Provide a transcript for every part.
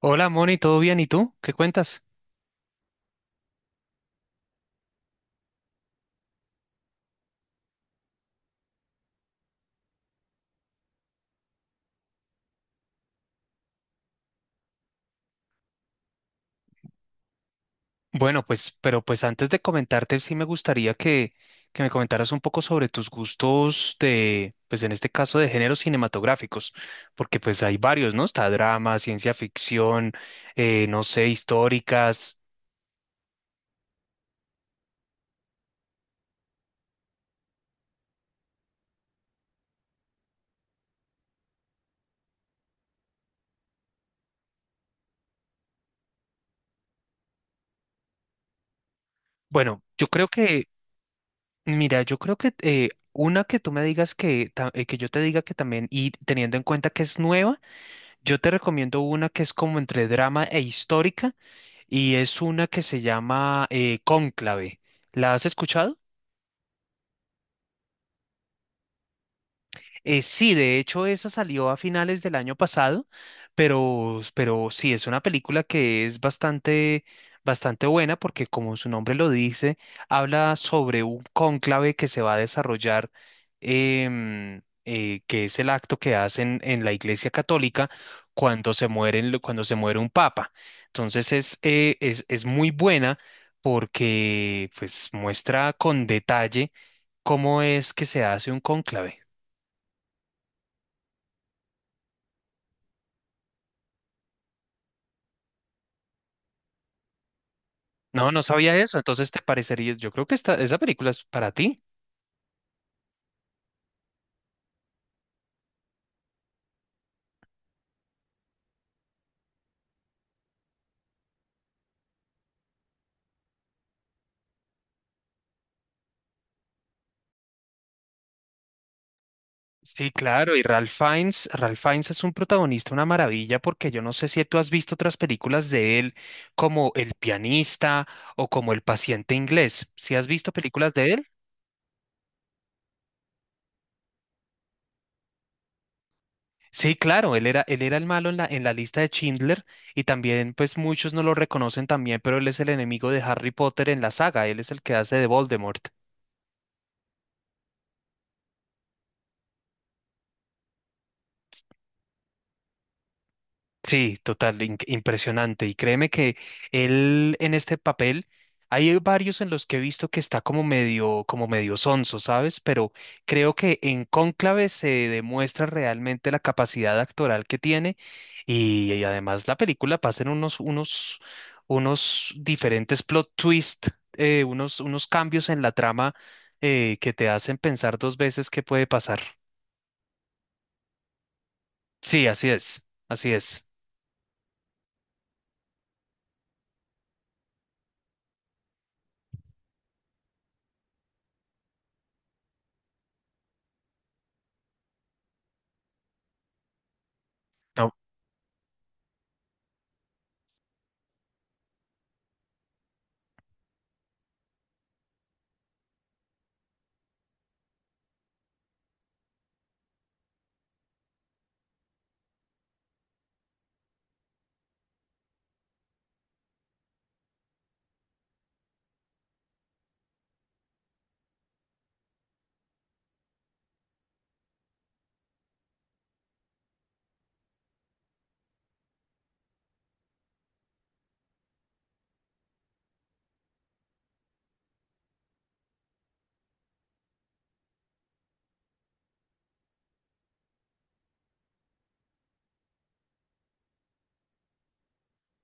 Hola Moni, ¿todo bien? ¿Y tú? ¿Qué cuentas? Bueno, pues, pero pues antes de comentarte, sí me gustaría que me comentaras un poco sobre tus gustos de, pues en este caso, de géneros cinematográficos, porque pues hay varios, ¿no? Está drama, ciencia ficción, no sé, históricas. Bueno, mira, yo creo que una que tú me digas que, que yo te diga que también, y teniendo en cuenta que es nueva, yo te recomiendo una que es como entre drama e histórica y es una que se llama Cónclave. ¿La has escuchado? Sí, de hecho, esa salió a finales del año pasado, pero sí, es una película que es bastante, bastante buena porque, como su nombre lo dice, habla sobre un cónclave que se va a desarrollar, que es el acto que hacen en la Iglesia Católica cuando cuando se muere un papa. Entonces es muy buena porque pues, muestra con detalle cómo es que se hace un cónclave. No, no sabía eso. Entonces te parecería, yo creo que esa película es para ti. Sí, claro. Y Ralph Fiennes es un protagonista, una maravilla, porque yo no sé si tú has visto otras películas de él, como El pianista o como El paciente inglés. ¿Sí has visto películas de él? Sí, claro, él era el malo en la lista de Schindler y también, pues muchos no lo reconocen también, pero él es el enemigo de Harry Potter en la saga, él es el que hace de Voldemort. Sí, total, impresionante. Y créeme que él en este papel, hay varios en los que he visto que está como medio sonso, ¿sabes? Pero creo que en Cónclave se demuestra realmente la capacidad actoral que tiene y además la película pasa en unos diferentes plot twist, unos cambios en la trama que te hacen pensar dos veces qué puede pasar. Sí, así es, así es.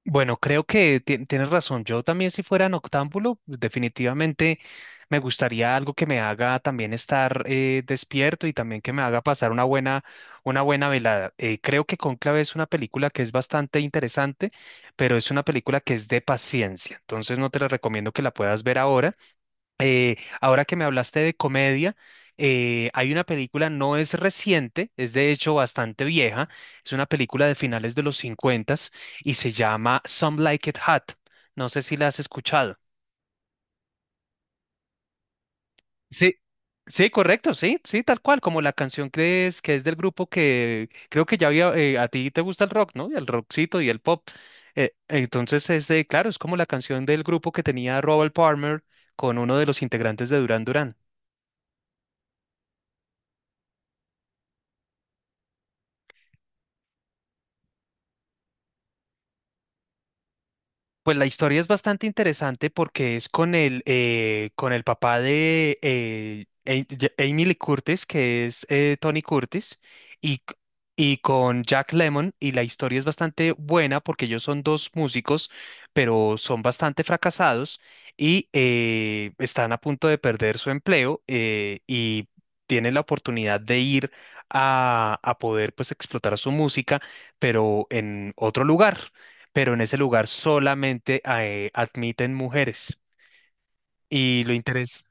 Bueno, creo que tienes razón. Yo también si fuera noctámbulo, definitivamente me gustaría algo que me haga también estar despierto y también que me haga pasar una buena velada. Creo que Cónclave es una película que es bastante interesante, pero es una película que es de paciencia. Entonces no te la recomiendo que la puedas ver ahora. Ahora que me hablaste de comedia, hay una película, no es reciente, es de hecho bastante vieja, es una película de finales de los 50 y se llama Some Like It Hot. No sé si la has escuchado. Sí, sí, correcto, sí, sí, tal cual, como la canción que es del grupo que creo que ya había, a ti te gusta el rock, ¿no? Y el rockcito y el pop. Entonces, claro, es como la canción del grupo que tenía Robert Palmer con uno de los integrantes de Duran Duran. Pues la historia es bastante interesante porque es con el papá de Jamie Lee Curtis, que es Tony Curtis, y, c- y con Jack Lemmon. Y la historia es bastante buena porque ellos son dos músicos, pero son bastante fracasados y están a punto de perder su empleo y tienen la oportunidad de ir a poder pues explotar su música, pero en otro lugar pero en ese lugar solamente admiten mujeres. Y lo interés,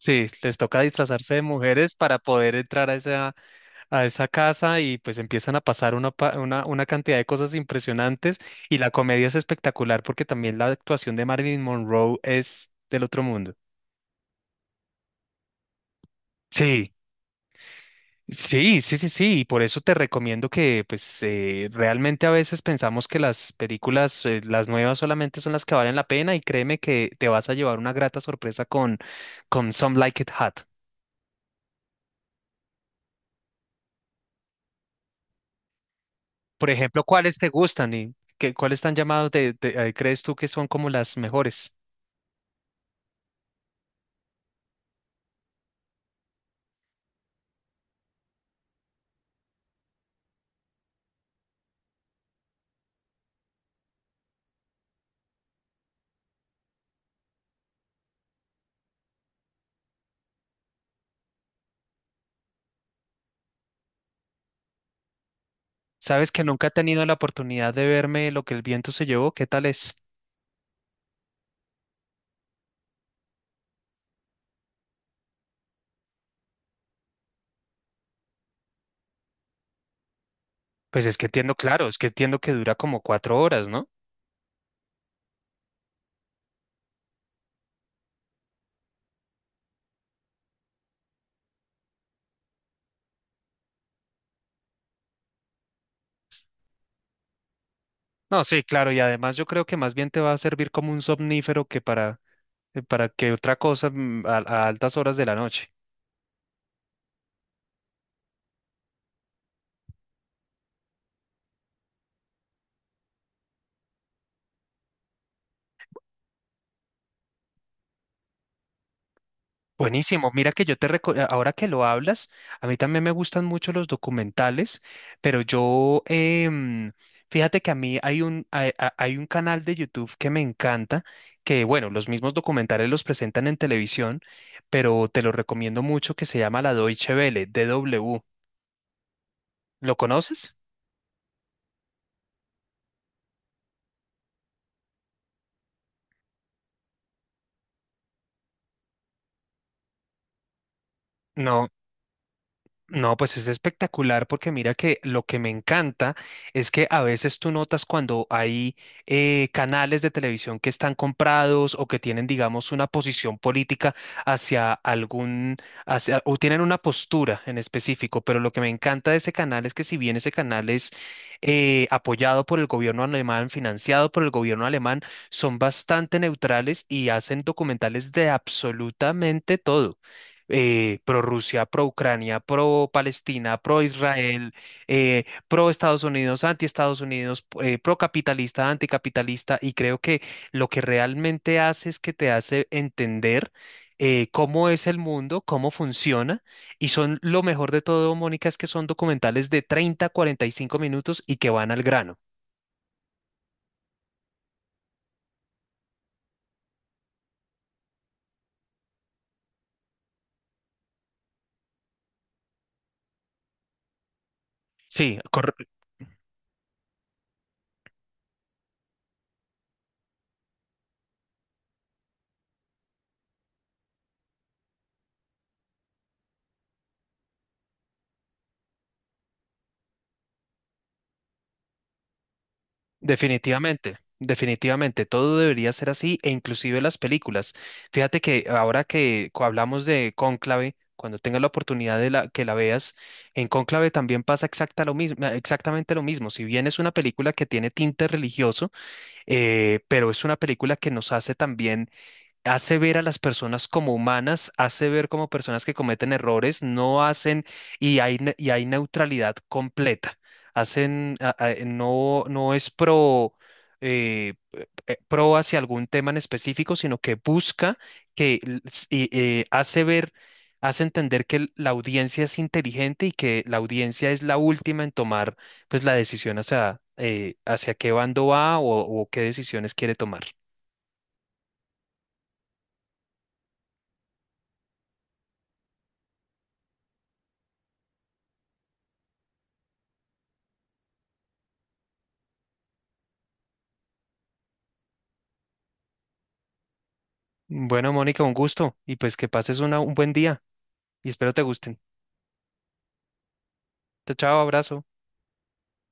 sí, les toca disfrazarse de mujeres para poder entrar a esa casa y pues empiezan a pasar una cantidad de cosas impresionantes y la comedia es espectacular porque también la actuación de Marilyn Monroe es del otro mundo. Sí, sí, sí, sí, sí, y por eso te recomiendo que, pues, realmente a veces pensamos que las películas, las nuevas solamente son las que valen la pena y créeme que te vas a llevar una grata sorpresa con Some Like It Hot. Por ejemplo, ¿cuáles te gustan y qué, cuáles están llamados de, crees tú que son como las mejores? Sabes que nunca he tenido la oportunidad de verme Lo que el viento se llevó, ¿qué tal es? Pues es que entiendo, claro, es que entiendo que dura como 4 horas, ¿no? No, sí, claro, y además yo creo que más bien te va a servir como un somnífero que para que otra cosa a altas horas de la noche. Buenísimo, mira que yo ahora que lo hablas, a mí también me gustan mucho los documentales, pero yo, fíjate que a mí hay un canal de YouTube que me encanta, que bueno, los mismos documentales los presentan en televisión, pero te lo recomiendo mucho, que se llama La Deutsche Welle, DW. ¿Lo conoces? No. No, pues es espectacular porque mira que lo que me encanta es que a veces tú notas cuando hay canales de televisión que están comprados o que tienen, digamos, una posición política hacia algún, o tienen una postura en específico, pero lo que me encanta de ese canal es que si bien ese canal es apoyado por el gobierno alemán, financiado por el gobierno alemán, son bastante neutrales y hacen documentales de absolutamente todo pro Rusia, pro Ucrania, pro Palestina, pro Israel, pro Estados Unidos, anti Estados Unidos, pro capitalista, anticapitalista, y creo que lo que realmente hace es que te hace entender cómo es el mundo, cómo funciona, y son lo mejor de todo, Mónica, es que son documentales de 30, 45 minutos y que van al grano. Sí, definitivamente, definitivamente, todo debería ser así e inclusive las películas. Fíjate que ahora que hablamos de Cónclave, cuando tengas la oportunidad de que la veas, en Cónclave también pasa exacta lo mismo, exactamente lo mismo. Si bien es una película que tiene tinte religioso, pero es una película que nos hace también, hace ver a las personas como humanas, hace ver como personas que cometen errores, no hacen y y hay neutralidad completa. No, no es pro, eh, pro hacia algún tema en específico, sino que busca que l- s- y, hace ver, hace entender que la audiencia es inteligente y que la audiencia es la última en tomar pues la decisión hacia qué bando va o qué decisiones quiere tomar. Bueno, Mónica, un gusto y pues que pases un buen día y espero te gusten. Chao, chao, abrazo.